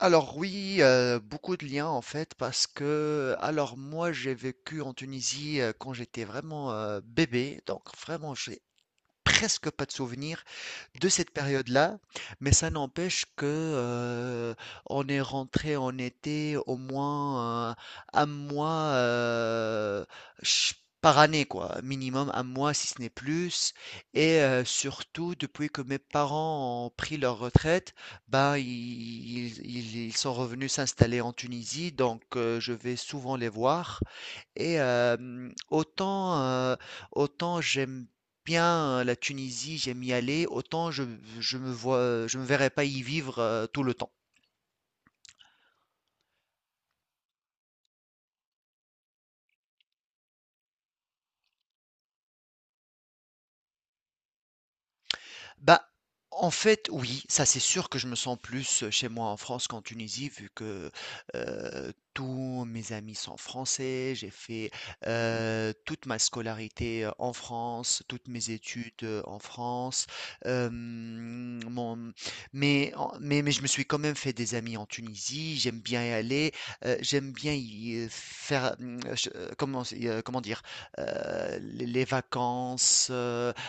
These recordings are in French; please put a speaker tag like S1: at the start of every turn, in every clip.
S1: Alors oui, beaucoup de liens en fait parce que alors moi j'ai vécu en Tunisie, quand j'étais vraiment bébé, donc vraiment j'ai presque pas de souvenirs de cette période-là, mais ça n'empêche que on est rentré en été au moins un mois, ch- par année, quoi, minimum un mois si ce n'est plus. Et surtout, depuis que mes parents ont pris leur retraite, ben ils sont revenus s'installer en Tunisie, donc je vais souvent les voir. Et autant j'aime bien, la Tunisie, j'aime y aller, autant je me vois, je me verrais pas y vivre tout le temps. Bah, en fait, oui, ça c'est sûr que je me sens plus chez moi en France qu'en Tunisie, vu que tous mes amis sont français, j'ai fait toute ma scolarité en France, toutes mes études en France. euh, mon- mais je me suis quand même fait des amis en Tunisie, j'aime bien y aller, j'aime bien y faire, je- comment, c'est- comment dire, les vacances,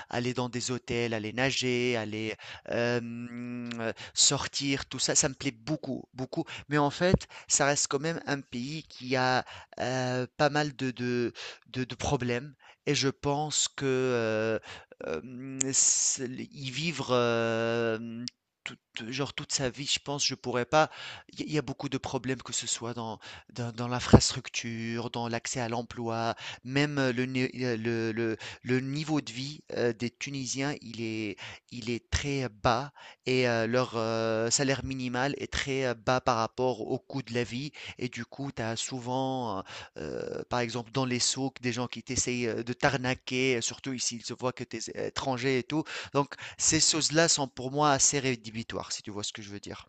S1: aller dans des hôtels, aller nager, aller sortir, tout ça, ça me plaît beaucoup, beaucoup. Mais en fait, ça reste quand même un pays qui a, pas mal de problèmes et je pense que s l y vivre, toute toute sa vie, je pense, je pourrais pas. Il y a beaucoup de problèmes, que ce soit dans dans l'infrastructure, dans l'accès à l'emploi, même, le né le niveau de vie des Tunisiens, il est très bas et leur salaire minimal est très bas par rapport au coût de la vie. Et du coup, tu as souvent, par exemple, dans les souks, des gens qui t'essayent de t'arnaquer, surtout ici, ils se voient que tu es étranger et tout. Donc, ces choses-là sont pour moi assez rédhibitoires, si tu vois ce que je veux dire.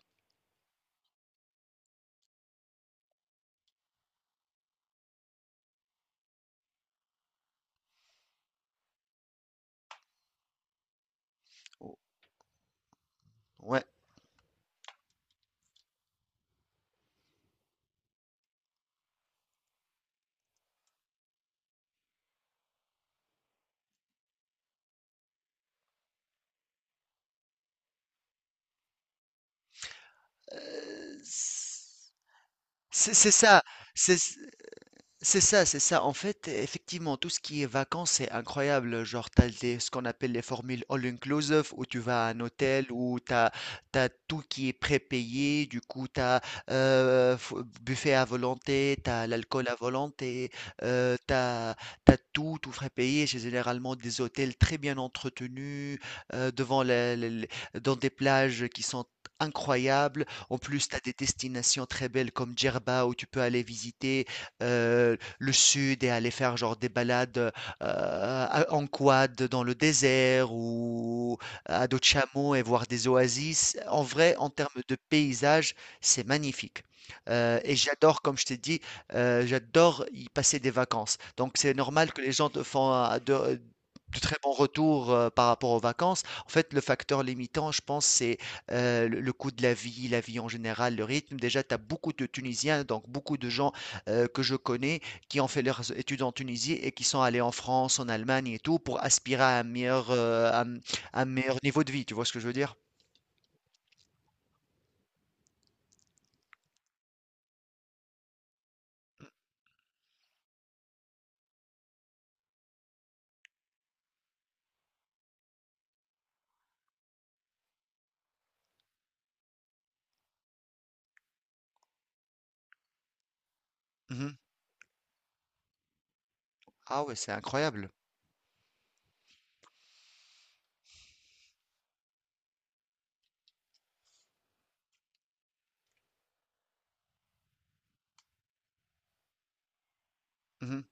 S1: Oh, ouais. Euh, c'est ça. C'est C'est ça, c'est ça. En fait, effectivement, tout ce qui est vacances, c'est incroyable. Genre, ce qu'on appelle les formules all-inclusive, où tu vas à un hôtel, t'as tout qui est prépayé. Du coup, t'as buffet à volonté, t'as l'alcool à volonté, euh, t'as, t'as tout, tout frais payé. C'est généralement des hôtels très bien entretenus, devant la- la- la- dans des plages qui sont incroyables. En plus, t'as des destinations très belles comme Djerba, où tu peux aller visiter le sud et aller faire genre des balades, en quad dans le désert ou à dos de chameau et voir des oasis. En vrai, en termes de paysage, c'est magnifique. Et j'adore, comme je t'ai dit, j'adore y passer des vacances. Donc c'est normal que les gens te font de très bons retours par rapport aux vacances. En fait, le facteur limitant, je pense, c'est le coût de la vie en général, le rythme. Déjà, tu as beaucoup de Tunisiens, donc beaucoup de gens que je connais qui ont fait leurs études en Tunisie et qui sont allés en France, en Allemagne et tout pour aspirer à un un meilleur niveau de vie. Tu vois ce que je veux dire? Mhm. Ah ouais, c'est incroyable. Mhm.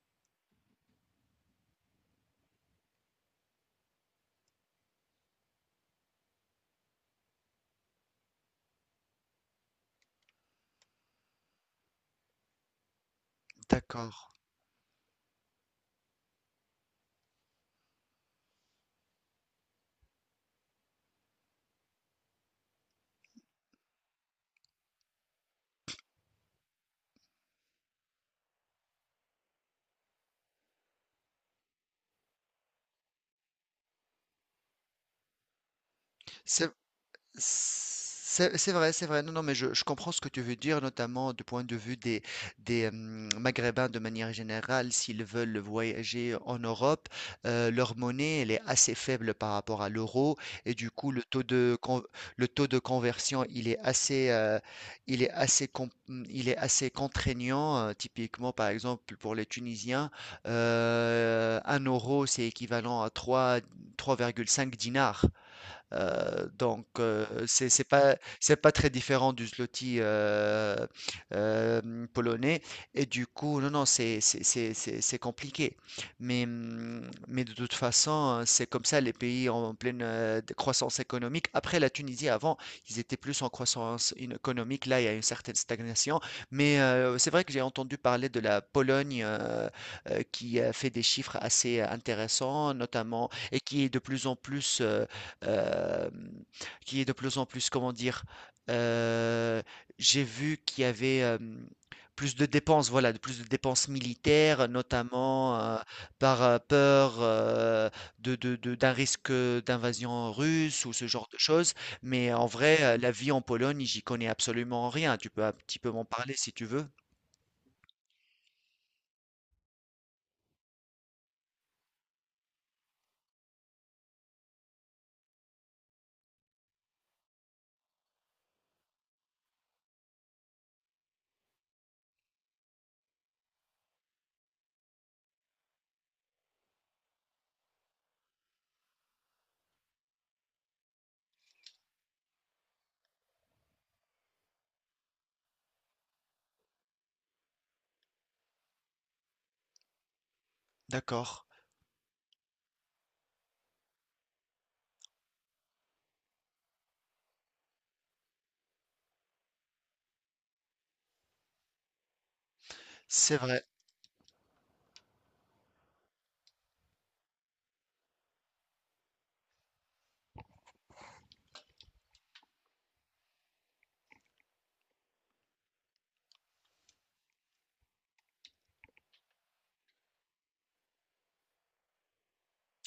S1: D'accord. C'est vrai, c'est vrai. Non, non, mais je comprends ce que tu veux dire, notamment du point de vue des Maghrébins de manière générale, s'ils veulent voyager en Europe, leur monnaie, elle est assez faible par rapport à l'euro, et du coup, le taux de conversion, il est assez, com- il est assez contraignant. Euh, typiquement, par exemple, pour les Tunisiens, un euro, c'est équivalent à trois virgule cinq dinars. Donc, c'est pas très différent du zloty polonais. Et du coup, non, non, c'est compliqué. Mais de toute façon, c'est comme ça, les pays en pleine croissance économique. Après, la Tunisie, avant, ils étaient plus en croissance économique. Là, il y a une certaine stagnation. Mais c'est vrai que j'ai entendu parler de la Pologne, qui a fait des chiffres assez intéressants, notamment, et Heu, qui est de plus en plus, comment dire? Heu, j'ai vu qu'il y avait, plus de dépenses, voilà, de plus de dépenses militaires, notamment, peur, de d'un risque, d'invasion russe ou ce genre de choses. Mais en vrai, la vie en Pologne, j'y connais absolument rien. Tu peux un petit peu m'en parler si tu veux? D'accord, c'est vrai.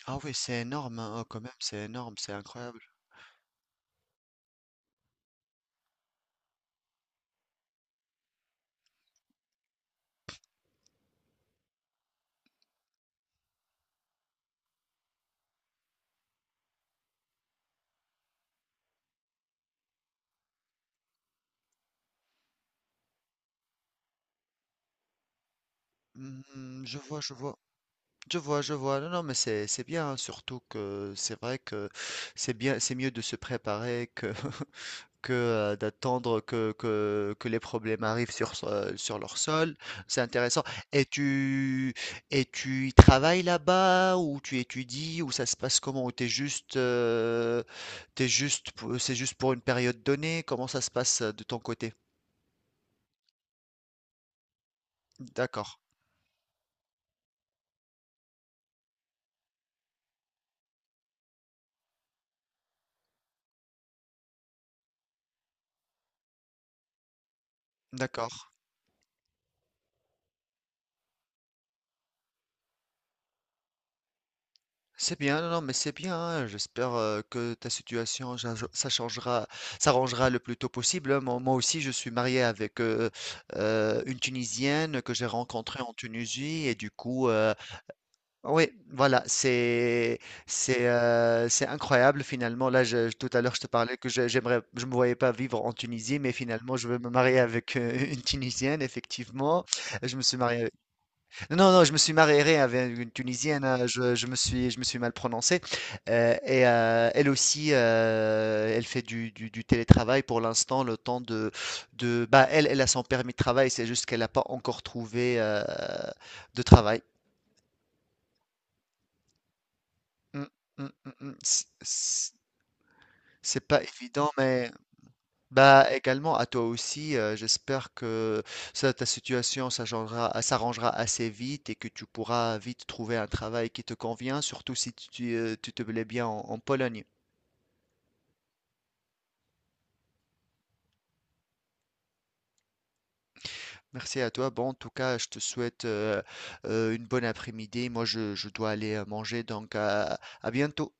S1: Ah oui, c'est énorme, hein. Oh, quand même, c'est énorme, c'est incroyable. Mmh, je vois, je vois. Je vois, je vois. Non, non, mais c'est bien, hein, surtout que c'est vrai que c'est bien, c'est mieux de se préparer que que d'attendre que, que les problèmes arrivent sur leur sol. C'est intéressant. Et tu et tu y travailles là-bas ou tu étudies ou ça se passe comment? Ou t'es juste, t'es juste c'est juste pour une période donnée? Comment ça se passe, de ton côté? D'accord, d'accord. C'est bien, non, non, mais c'est bien, hein. J'espère que ta situation ça changera, s'arrangera le plus tôt possible, hein. Moi, moi aussi, je suis marié avec, une Tunisienne que j'ai rencontrée en Tunisie, et du coup, oui, voilà, c'est incroyable finalement. Là, tout à l'heure, je te parlais que j'aimerais, je me voyais pas vivre en Tunisie, mais finalement, je veux me marier avec une Tunisienne, effectivement. Je me suis marié Non, non, je me suis marié avec une Tunisienne, hein, je me suis mal prononcé. Et elle aussi, elle fait du télétravail pour l'instant, le temps bah, elle a son permis de travail, c'est juste qu'elle n'a pas encore trouvé de travail. Mm, mm, mm, mm, C'est c'est- c'est pas évident, mais bah également à toi aussi, j'espère que ça, ta situation s'arrangera, s'arrangera assez vite et que tu pourras vite trouver un travail qui te convient, surtout si tu, tu te plais bien en, en Pologne. Merci à toi. Bon, en tout cas, je te souhaite une bonne après-midi. Moi, je dois aller manger, donc à bientôt.